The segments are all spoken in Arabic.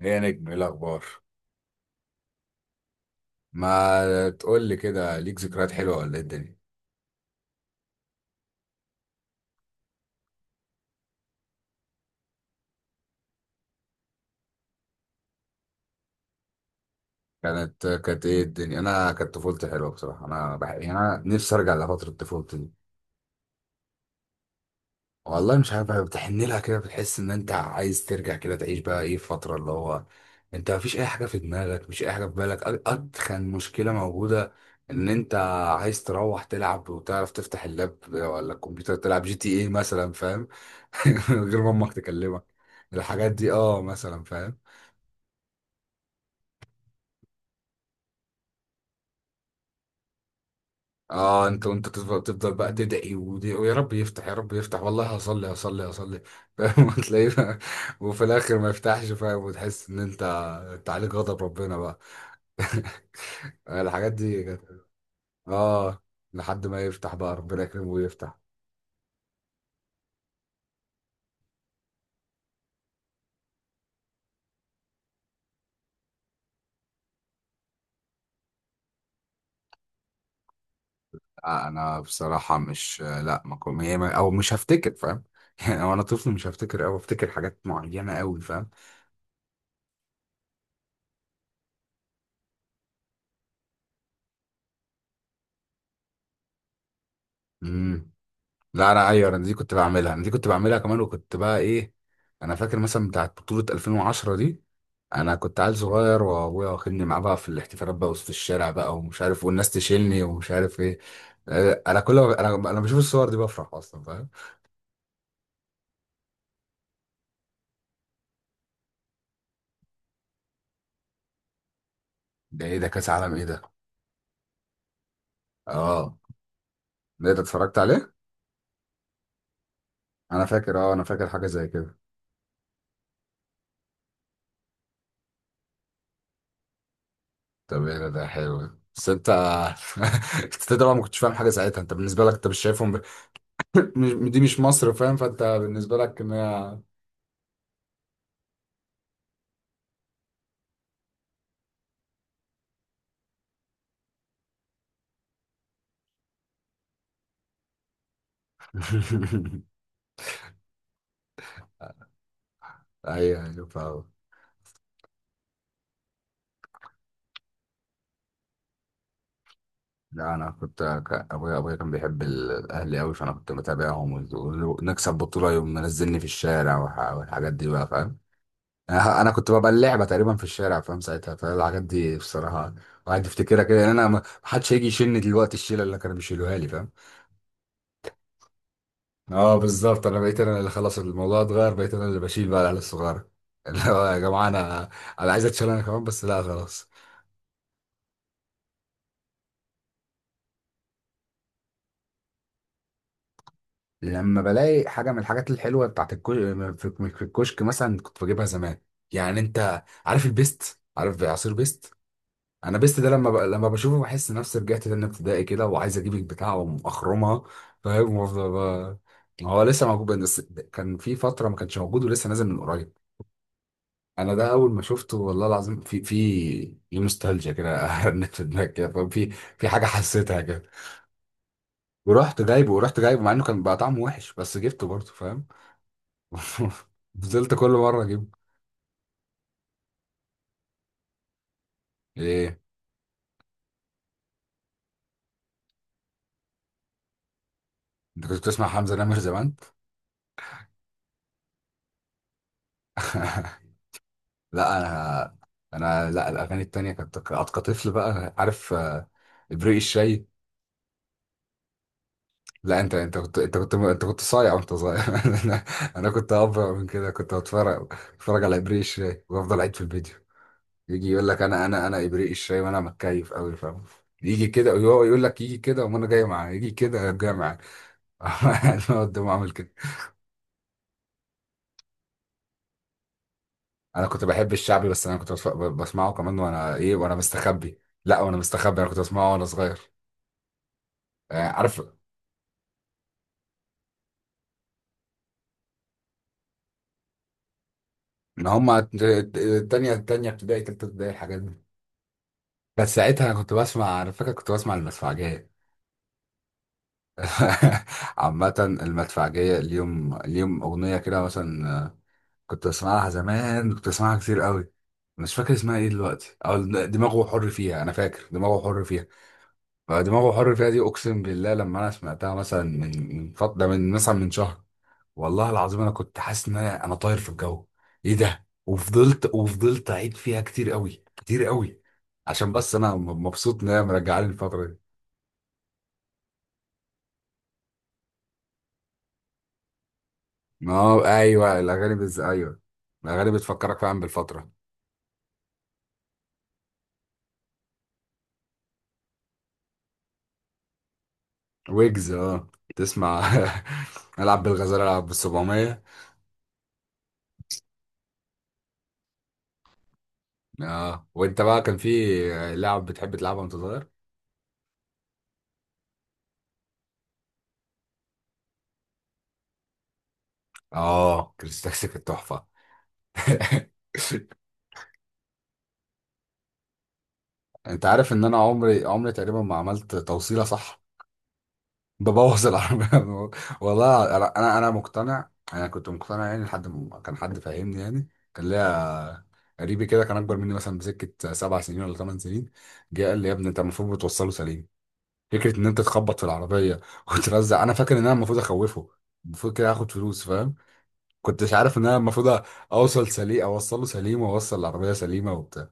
ايه يا نجم، ايه الاخبار؟ ما تقول لي كده، ليك ذكريات حلوه ولا ايه الدنيا؟ كانت ايه الدنيا؟ انا كانت طفولتي حلوه بصراحه. انا يعني انا نفسي ارجع لفتره طفولتي دي. والله مش عارف، بتحن لها كده، بتحس ان انت عايز ترجع كده تعيش بقى ايه فتره اللي هو انت مفيش اي حاجه في دماغك، مفيش اي حاجه في بالك، اتخن مشكله موجوده ان انت عايز تروح تلعب وتعرف تفتح اللاب ولا الكمبيوتر، تلعب جي تي ايه مثلا، فاهم؟ من غير ما امك تكلمك الحاجات دي، اه مثلا، فاهم؟ اه، انت وانت تفضل بقى تدعي، ويا رب يفتح، يا رب يفتح، والله هصلي هصلي هصلي. فاهم؟ وتلاقيه. وفي الاخر ما يفتحش، فاهم؟ وتحس ان انت عليك غضب ربنا بقى. الحاجات دي. اه، لحد ما يفتح بقى ربنا يكرمه ويفتح. انا بصراحة مش، لا ما كو- هي ما- او مش هفتكر، فاهم؟ يعني وانا طفل مش هفتكر او افتكر حاجات معينة قوي، فاهم؟ امم، لا انا، ايوه، انا دي كنت بعملها، انا دي كنت بعملها كمان، وكنت بقى ايه. انا فاكر مثلا بتاعت بطولة 2010 دي، انا كنت عيل صغير وابويا واخدني معاه بقى في الاحتفالات بقى وسط الشارع بقى ومش عارف، والناس تشيلني ومش عارف ايه. انا كل ما انا بشوف الصور دي بفرح اصلا، فاهم؟ ده ايه ده، كاس عالم ايه ده؟ اه، ده انت اتفرجت عليه؟ انا فاكر، اه، انا فاكر حاجة زي كده. طب ايه ده حلو. بس انت انت طبعا ما كنتش فاهم حاجة ساعتها، انت بالنسبة لك انت مش شايفهم دي مش مصر، فاهم؟ فانت بالنسبة لك ان هي ايوه ايوه، فاهم. لا انا كنت، ابويا كان بيحب الاهلي قوي، فانا كنت متابعهم، ونكسب بطوله يوم منزلني في الشارع، والحاجات دي بقى، فاهم؟ انا كنت ببقى اللعبه تقريبا في الشارع، فاهم ساعتها، فالحاجات دي بصراحه الواحد يفتكرها كده. يعني انا ما حدش هيجي يشيلني دلوقتي الشيله اللي كانوا بيشيلوها لي، فاهم؟ اه، بالظبط، انا بقيت انا اللي، خلاص الموضوع اتغير، بقيت انا اللي بشيل بقى العيال الصغيره. اللي هو يا جماعه، انا، عايز اتشال انا كمان، بس لا خلاص. لما بلاقي حاجه من الحاجات الحلوه بتاعت في في الكشك مثلا كنت بجيبها زمان، يعني انت عارف البيست؟ عارف عصير بيست؟ انا بيست ده لما، لما بشوفه بحس نفسي رجعت تاني ابتدائي كده، وعايز اجيب البتاعه واخرمها، فاهم؟ وافضل. ما هو لسه موجود بس، كان في فتره ما كانش موجود، ولسه نازل من قريب. انا ده اول ما شفته، والله العظيم، في نوستالجيا كده رنت في دماغي كده، فاهم؟ في حاجه حسيتها كده. ورحت جايبه مع انه كان بقى طعمه وحش، بس جبته برضه، فاهم؟ فضلت كل مره اجيب ايه. انت كنت بتسمع حمزه نمر زمان؟ لا انا، انا لا الاغاني التانية كنت كطفل بقى عارف، ابريق الشاي. لا انت كنت صايع وانت صغير. انا انا كنت ابرع من كده، كنت بتفرج على ابريق الشاي وافضل اعيد في الفيديو. يجي يقول لك، انا ابريق الشاي وانا متكيف قوي، فاهم؟ يجي كده ويقعد يقول لك يجي كده وانا جاي معاه، يجي كده جاي معاه. نقعد ده، اعمل كده. انا كنت بحب الشعبي، بس انا كنت بسمعه كمان وانا ايه، وانا مستخبي، لا وانا مستخبي، انا كنت بسمعه وانا صغير. آه، عارف. ان هما تانية ابتدائي، تالتة ابتدائي، الحاجات دي. بس ساعتها انا كنت بسمع، انا فاكر كنت بسمع المدفعجية. عامة، المدفعجية، اليوم اليوم، اغنية كده مثلا، كنت بسمعها زمان، كنت بسمعها كتير قوي. مش فاكر اسمها ايه دلوقتي، او دماغه حر فيها، انا فاكر دماغه حر فيها. دماغه حر فيها دي، اقسم بالله لما انا سمعتها مثلا من فتره، من مثلا من شهر، والله العظيم انا كنت حاسس ان انا طاير في الجو، ايه ده. وفضلت اعيد فيها كتير قوي كتير قوي، عشان بس انا مبسوط ان هي مرجعاني الفتره دي. اه ايوه، الاغاني ايوه، الاغاني بتفكرك فعلا بالفتره. ويجز، اه، تسمع. العب بالغزاله، العب بال 700. اه، وانت بقى كان في لعب بتحب تلعبها وانت صغير؟ اه، كريستاكسي كانت تحفه. انت عارف ان انا عمري تقريبا ما عملت توصيله صح؟ ببوظ العربية. والله انا، انا مقتنع، انا كنت مقتنع يعني، لحد ما كان حد فاهمني يعني. كان ليا قريبي كده كان اكبر مني مثلا بسكة 7 سنين ولا 8 سنين، جه قال لي يا ابني انت المفروض بتوصله سليم. فكرة ان انت تخبط في العربية وترزع، انا فاكر ان انا المفروض اخوفه، المفروض كده اخد فلوس، فاهم؟ كنتش عارف ان انا المفروض اوصل سليم، اوصله سليم، واوصل العربية سليمة وبتاع.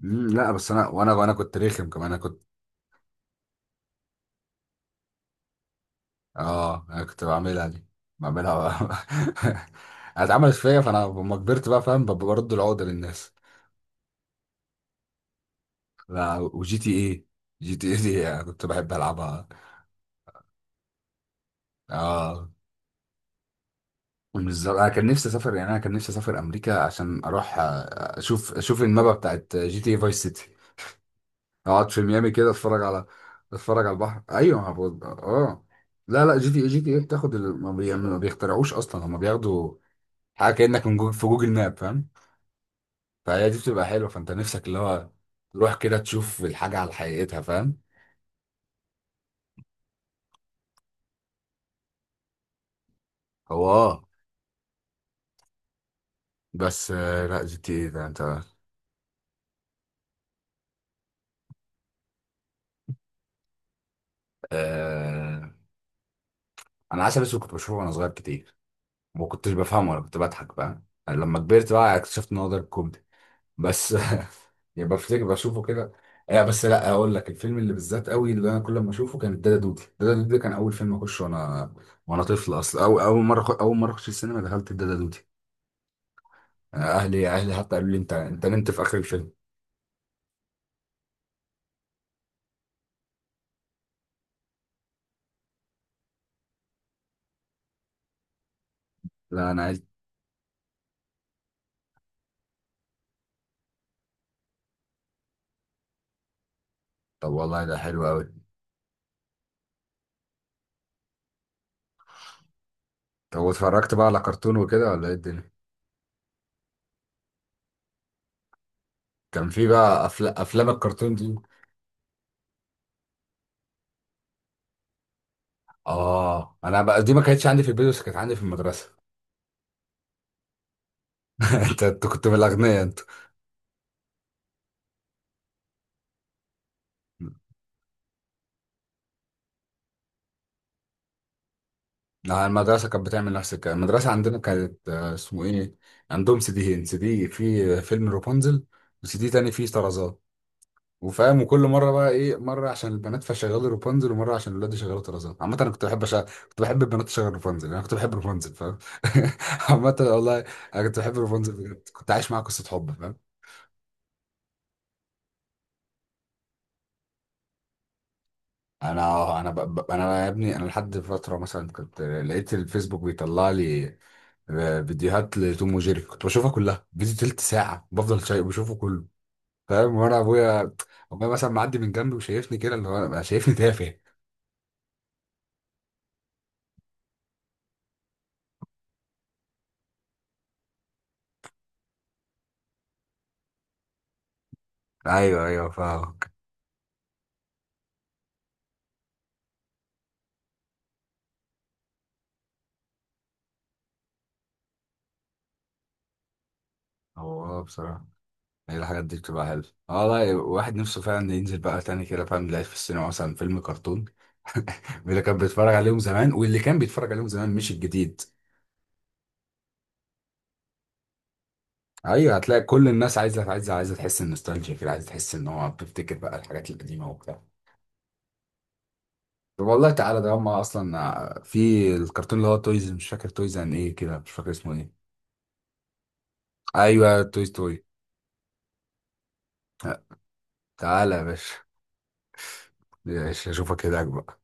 مم، لا بس انا، وانا كنت رخم كمان، انا كنت. اه، انا كنت بعملها دي. بعملها اتعملت فيا، فانا لما كبرت بقى، فاهم، ببقى برد العقدة للناس. لا، وجي تي ايه، جي تي ايه دي أنا كنت بحب العبها. اه، بالظبط، انا كان نفسي اسافر يعني، انا كان نفسي اسافر امريكا، عشان اروح، اشوف المابا بتاعت جي تي اي فايس سيتي، اقعد في ميامي كده اتفرج على، اتفرج على البحر، ايوه، ما هو- اه لا لا، جي تي اي بتاخد ما بيخترعوش اصلا، هم بياخدوا حاجه كانك من جوجل، في جوجل ماب، فاهم؟ فهي دي بتبقى حلوه، فانت نفسك اللي هو تروح كده تشوف الحاجه على حقيقتها، فاهم؟ هو اه، بس، لا جي تي ايه ده انت. آه انا عسل اسود كنت بشوفه وانا صغير كتير، ما كنتش بفهمه ولا كنت بضحك، فاهم؟ لما كبرت بقى اكتشفت ان هو ده الكوميدي، بس. يعني بفتكر بشوفه كده. بس لا، اقول لك الفيلم اللي بالذات قوي، اللي انا كل ما اشوفه، كان دادا دودي، دادا دودي ده كان اول فيلم اخشه وانا، وانا طفل اصلا، او اول مره، اخش السينما دخلت دادا دودي. اهلي حتى قالوا لي انت نمت في اخر الفيلم. لا انا عايز. طب والله ده حلو قوي. طب واتفرجت بقى على كرتون وكده ولا ايه الدنيا؟ كان في بقى افلام الكرتون دي. اه، انا بقى دي ما كانتش عندي في البيت، بس كانت عندي في المدرسه. انت كنت من الاغنياء انت. لا، المدرسه كانت بتعمل نفس الكلام، المدرسه عندنا كانت، اسمه ايه، عندهم سي ديين، سي دي في فيلم رابونزل، وسي دي تاني فيه طرازات، وفاهم، وكل مره بقى ايه، مره عشان البنات فشغال رابنزل، ومره عشان الولاد يشغلوا طرزان. عامه انا كنت بحب كنت بحب البنات تشغل رابنزل، انا كنت بحب رابنزل، فاهم؟ عامه والله، انا كنت بحب رابنزل بجد، كنت عايش معاها قصه حب، فاهم؟ انا انا يا ابني، انا لحد فتره مثلا كنت لقيت الفيسبوك بيطلع لي، فيديوهات لتوم وجيري، كنت بشوفها كلها، فيديو تلت ساعه بفضل شايف بشوفه كله، فاهم؟ وانا ابويا، مثلا معدي من جنبي وشايفني كده اللي هو، شايفني تافه. ايوه ايوه، فاهم. هو اه، بصراحه هي الحاجات دي بتبقى حلوة. اه لا، واحد نفسه فعلا ينزل بقى تاني كده، فاهم، يلاقي في السينما مثلا فيلم كرتون من اللي كان بيتفرج عليهم زمان، واللي كان بيتفرج عليهم زمان مش الجديد. ايوه، هتلاقي كل الناس عايزه، عايزه تحس النوستالجيا كده، عايزه تحس ان هو بتفتكر بقى الحاجات القديمه وبتاع. طب والله تعالى ده هم اصلا في الكرتون اللي هو تويز، مش فاكر تويز عن ايه كده، مش فاكر اسمه ايه. ايوه تويز، تعالى يا باشا، يا باشا اشوفك هناك بقى.